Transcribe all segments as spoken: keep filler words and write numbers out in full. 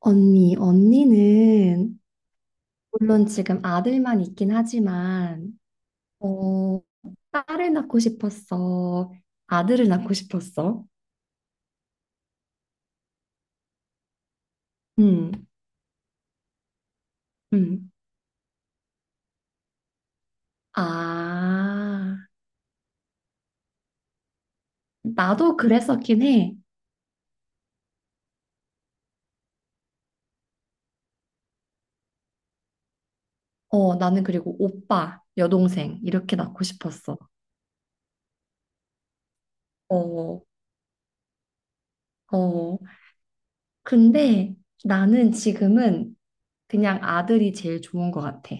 언니, 언니는 물론 지금 아들만 있긴 하지만 어, 딸을 낳고 싶었어. 아들을 낳고 싶었어. 음, 음. 아, 나도 그랬었긴 해. 어, 나는 그리고 오빠, 여동생 이렇게 낳고 싶었어. 어, 어. 근데 나는 지금은 그냥 아들이 제일 좋은 것 같아.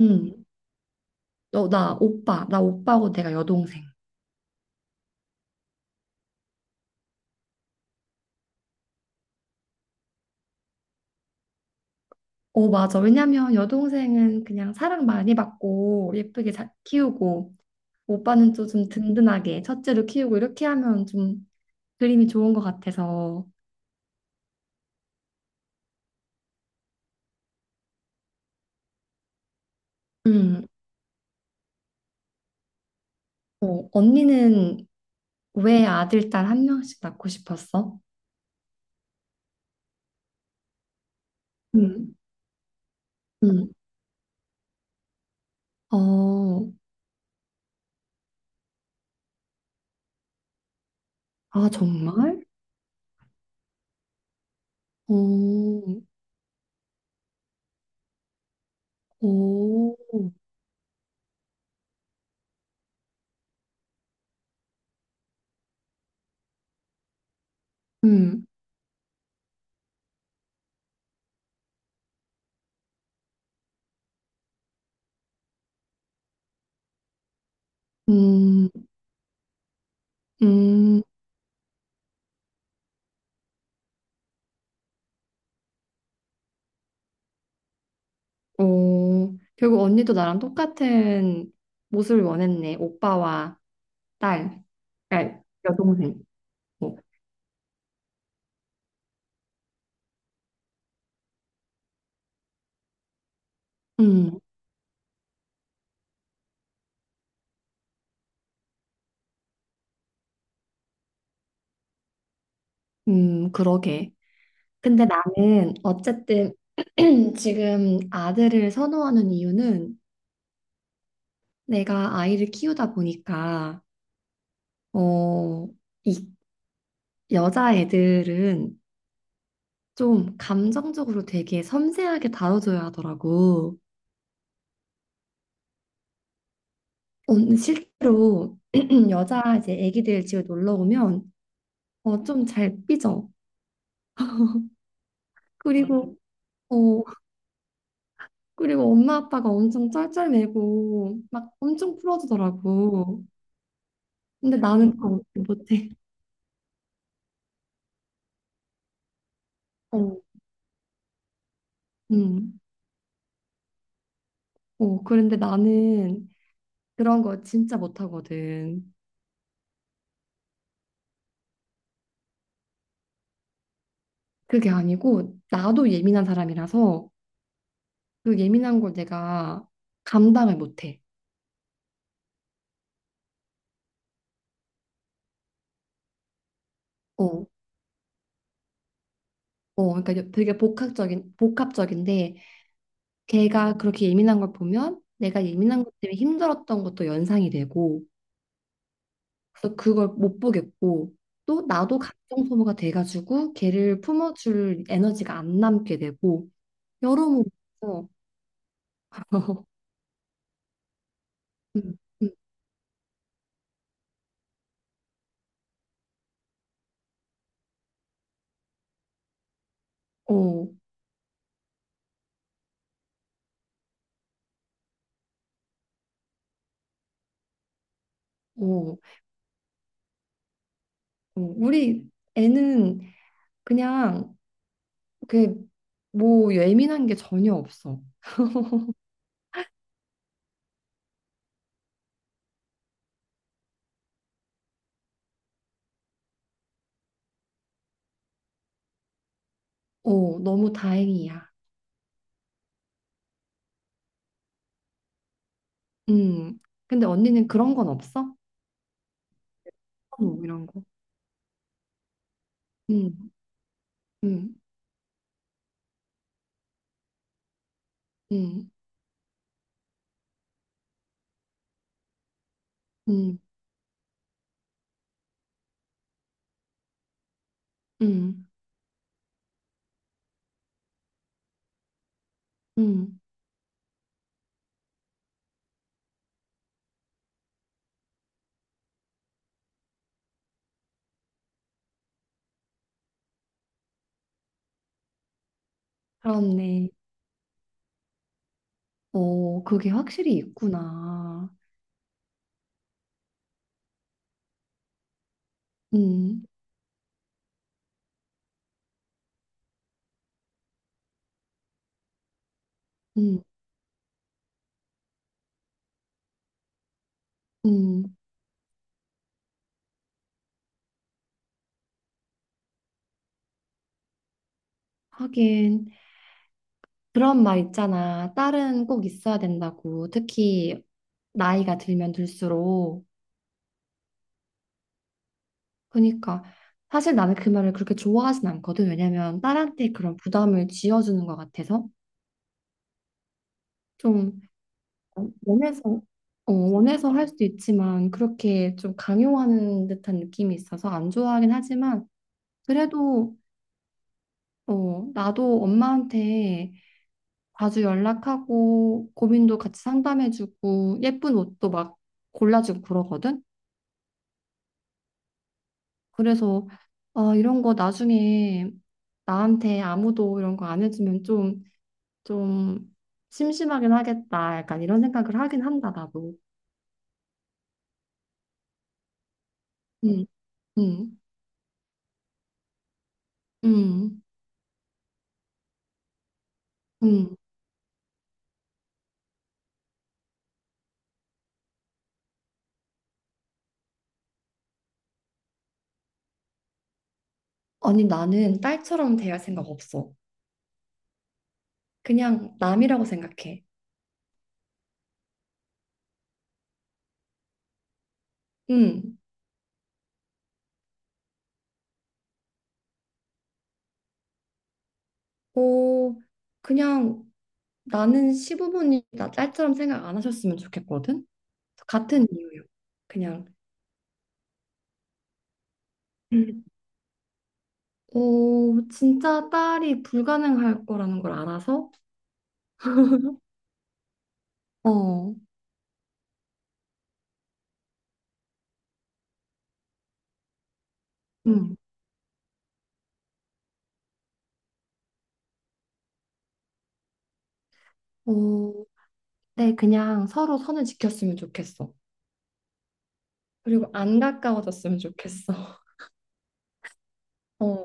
음. 너, 나 오빠, 나 오빠고 내가 여동생. 어, 맞아. 왜냐면 여동생은 그냥 사랑 많이 받고 예쁘게 잘 키우고 오빠는 또 좀 든든하게 첫째로 키우고 이렇게 하면 좀 그림이 좋은 것 같아서. 음, 어, 언니는 왜 아들, 딸 한 명씩 낳고 싶었어? 음. 음, 어, 아, 정말? 오.. 오, 음, 음, 음. 오, 결국 언니도 나랑 똑같은 모습을 원했네. 오빠와 딸, 딸, 여동생. 뭐. 음, 음, 그러게. 근데 나는 어쨌든 지금 아들을 선호하는 이유는 내가 아이를 키우다 보니까, 어, 이 여자애들은 좀 감정적으로 되게 섬세하게 다뤄줘야 하더라고. 언- 실제로 여자 이제 애기들 집에 놀러 오면 어, 좀 잘 삐져. 그리고 어, 그리고 엄마 아빠가 엄청 쩔쩔매고 막 엄청 풀어주더라고. 근데 나는 그거 못해. 어, 음, 어, 그런데 나는 그런 거 진짜 못하거든. 그게 아니고 나도 예민한 사람이라서 그 예민한 걸 내가 감당을 못해. 어, 어, 그러니까 되게 복합적인 복합적인데 걔가 그렇게 예민한 걸 보면 내가 예민한 것 때문에 힘들었던 것도 연상이 되고. 그래서 그걸 못 보겠고 또 나도 감정 소모가 돼가지고 걔를 품어줄 에너지가 안 남게 되고 여러모로 음, 음, 어, 어, 어. 우리 애는 그냥 그뭐 예민한 게 전혀 없어. 어, 너무 다행이야. 음. 근데 언니는 그런 건 없어? 뭐 이런 거. 음, 음, 음, 음, 음, 음. 그렇네. 어, 그게 확실히 있구나. 음, 음, 음. 하긴 그런 말 있잖아. 딸은 꼭 있어야 된다고. 특히 나이가 들면 들수록. 그러니까 사실 나는 그 말을 그렇게 좋아하진 않거든. 왜냐면 딸한테 그런 부담을 지어주는 것 같아서 좀 원해서 어, 원해서 할 수도 있지만 그렇게 좀 강요하는 듯한 느낌이 있어서 안 좋아하긴 하지만 그래도 어, 나도 엄마한테 자주 연락하고 고민도 같이 상담해주고 예쁜 옷도 막 골라주고 그러거든. 그래서 아, 이런 거 나중에 나한테 아무도 이런 거 안 해주면 좀, 좀 심심하긴 하겠다. 약간 이런 생각을 하긴 한다, 나도. 응, 응, 응, 응. 아니, 나는 딸처럼 대할 생각 없어. 그냥 남이라고 생각해. 응. 어, 그냥 나는 시부모님 나 딸처럼 생각 안 하셨으면 좋겠거든. 같은 이유요. 그냥 음. 어, 진짜 딸이 불가능할 거라는 걸 알아서 어, 음, 어, 네, 그냥 서로 선을 지켰으면 좋겠어. 그리고 안 가까워졌으면 좋겠어. 어,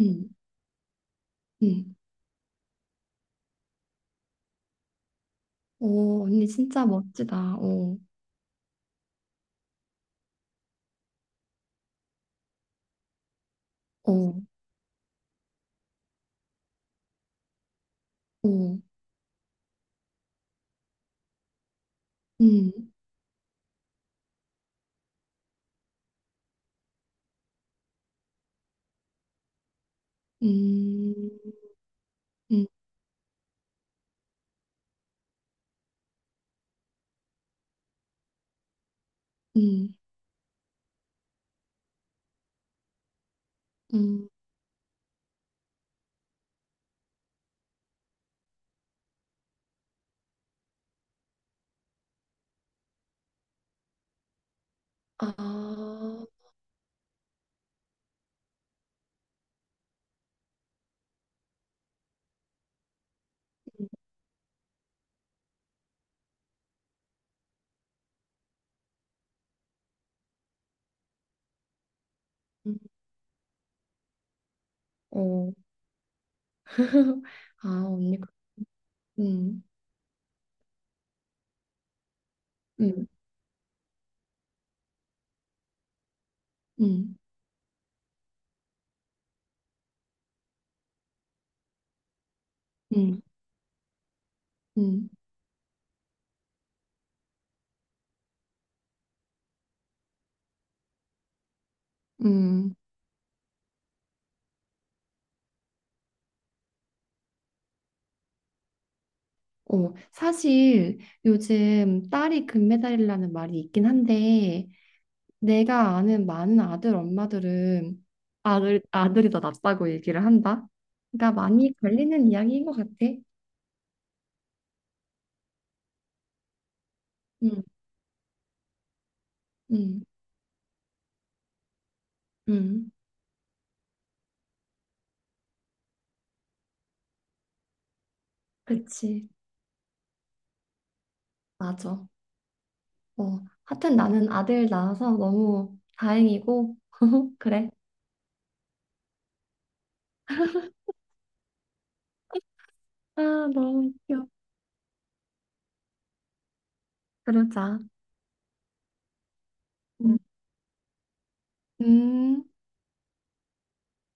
음, 음, 오 언니 진짜 멋지다. 어, 어, 오. 음, 음, 음, 음, 음, 아, 음, 음. 어, 아, 언니, 그- 음, 음, 음, 음, 음. 음, 어, 사실 요즘 딸이 금메달이라는 말이 있긴 한데, 내가 아는 많은 아들 엄마들은 아들, 아들이 더 낫다고 얘기를 한다. 그러니까 많이 걸리는 이야기인 것 같아. 음, 음, 음, 그치. 맞아. 어, 하여튼 나는 아들 낳아서 너무 다행이고, 그래. 아, 너무 귀여워. 그러자. 음. 음.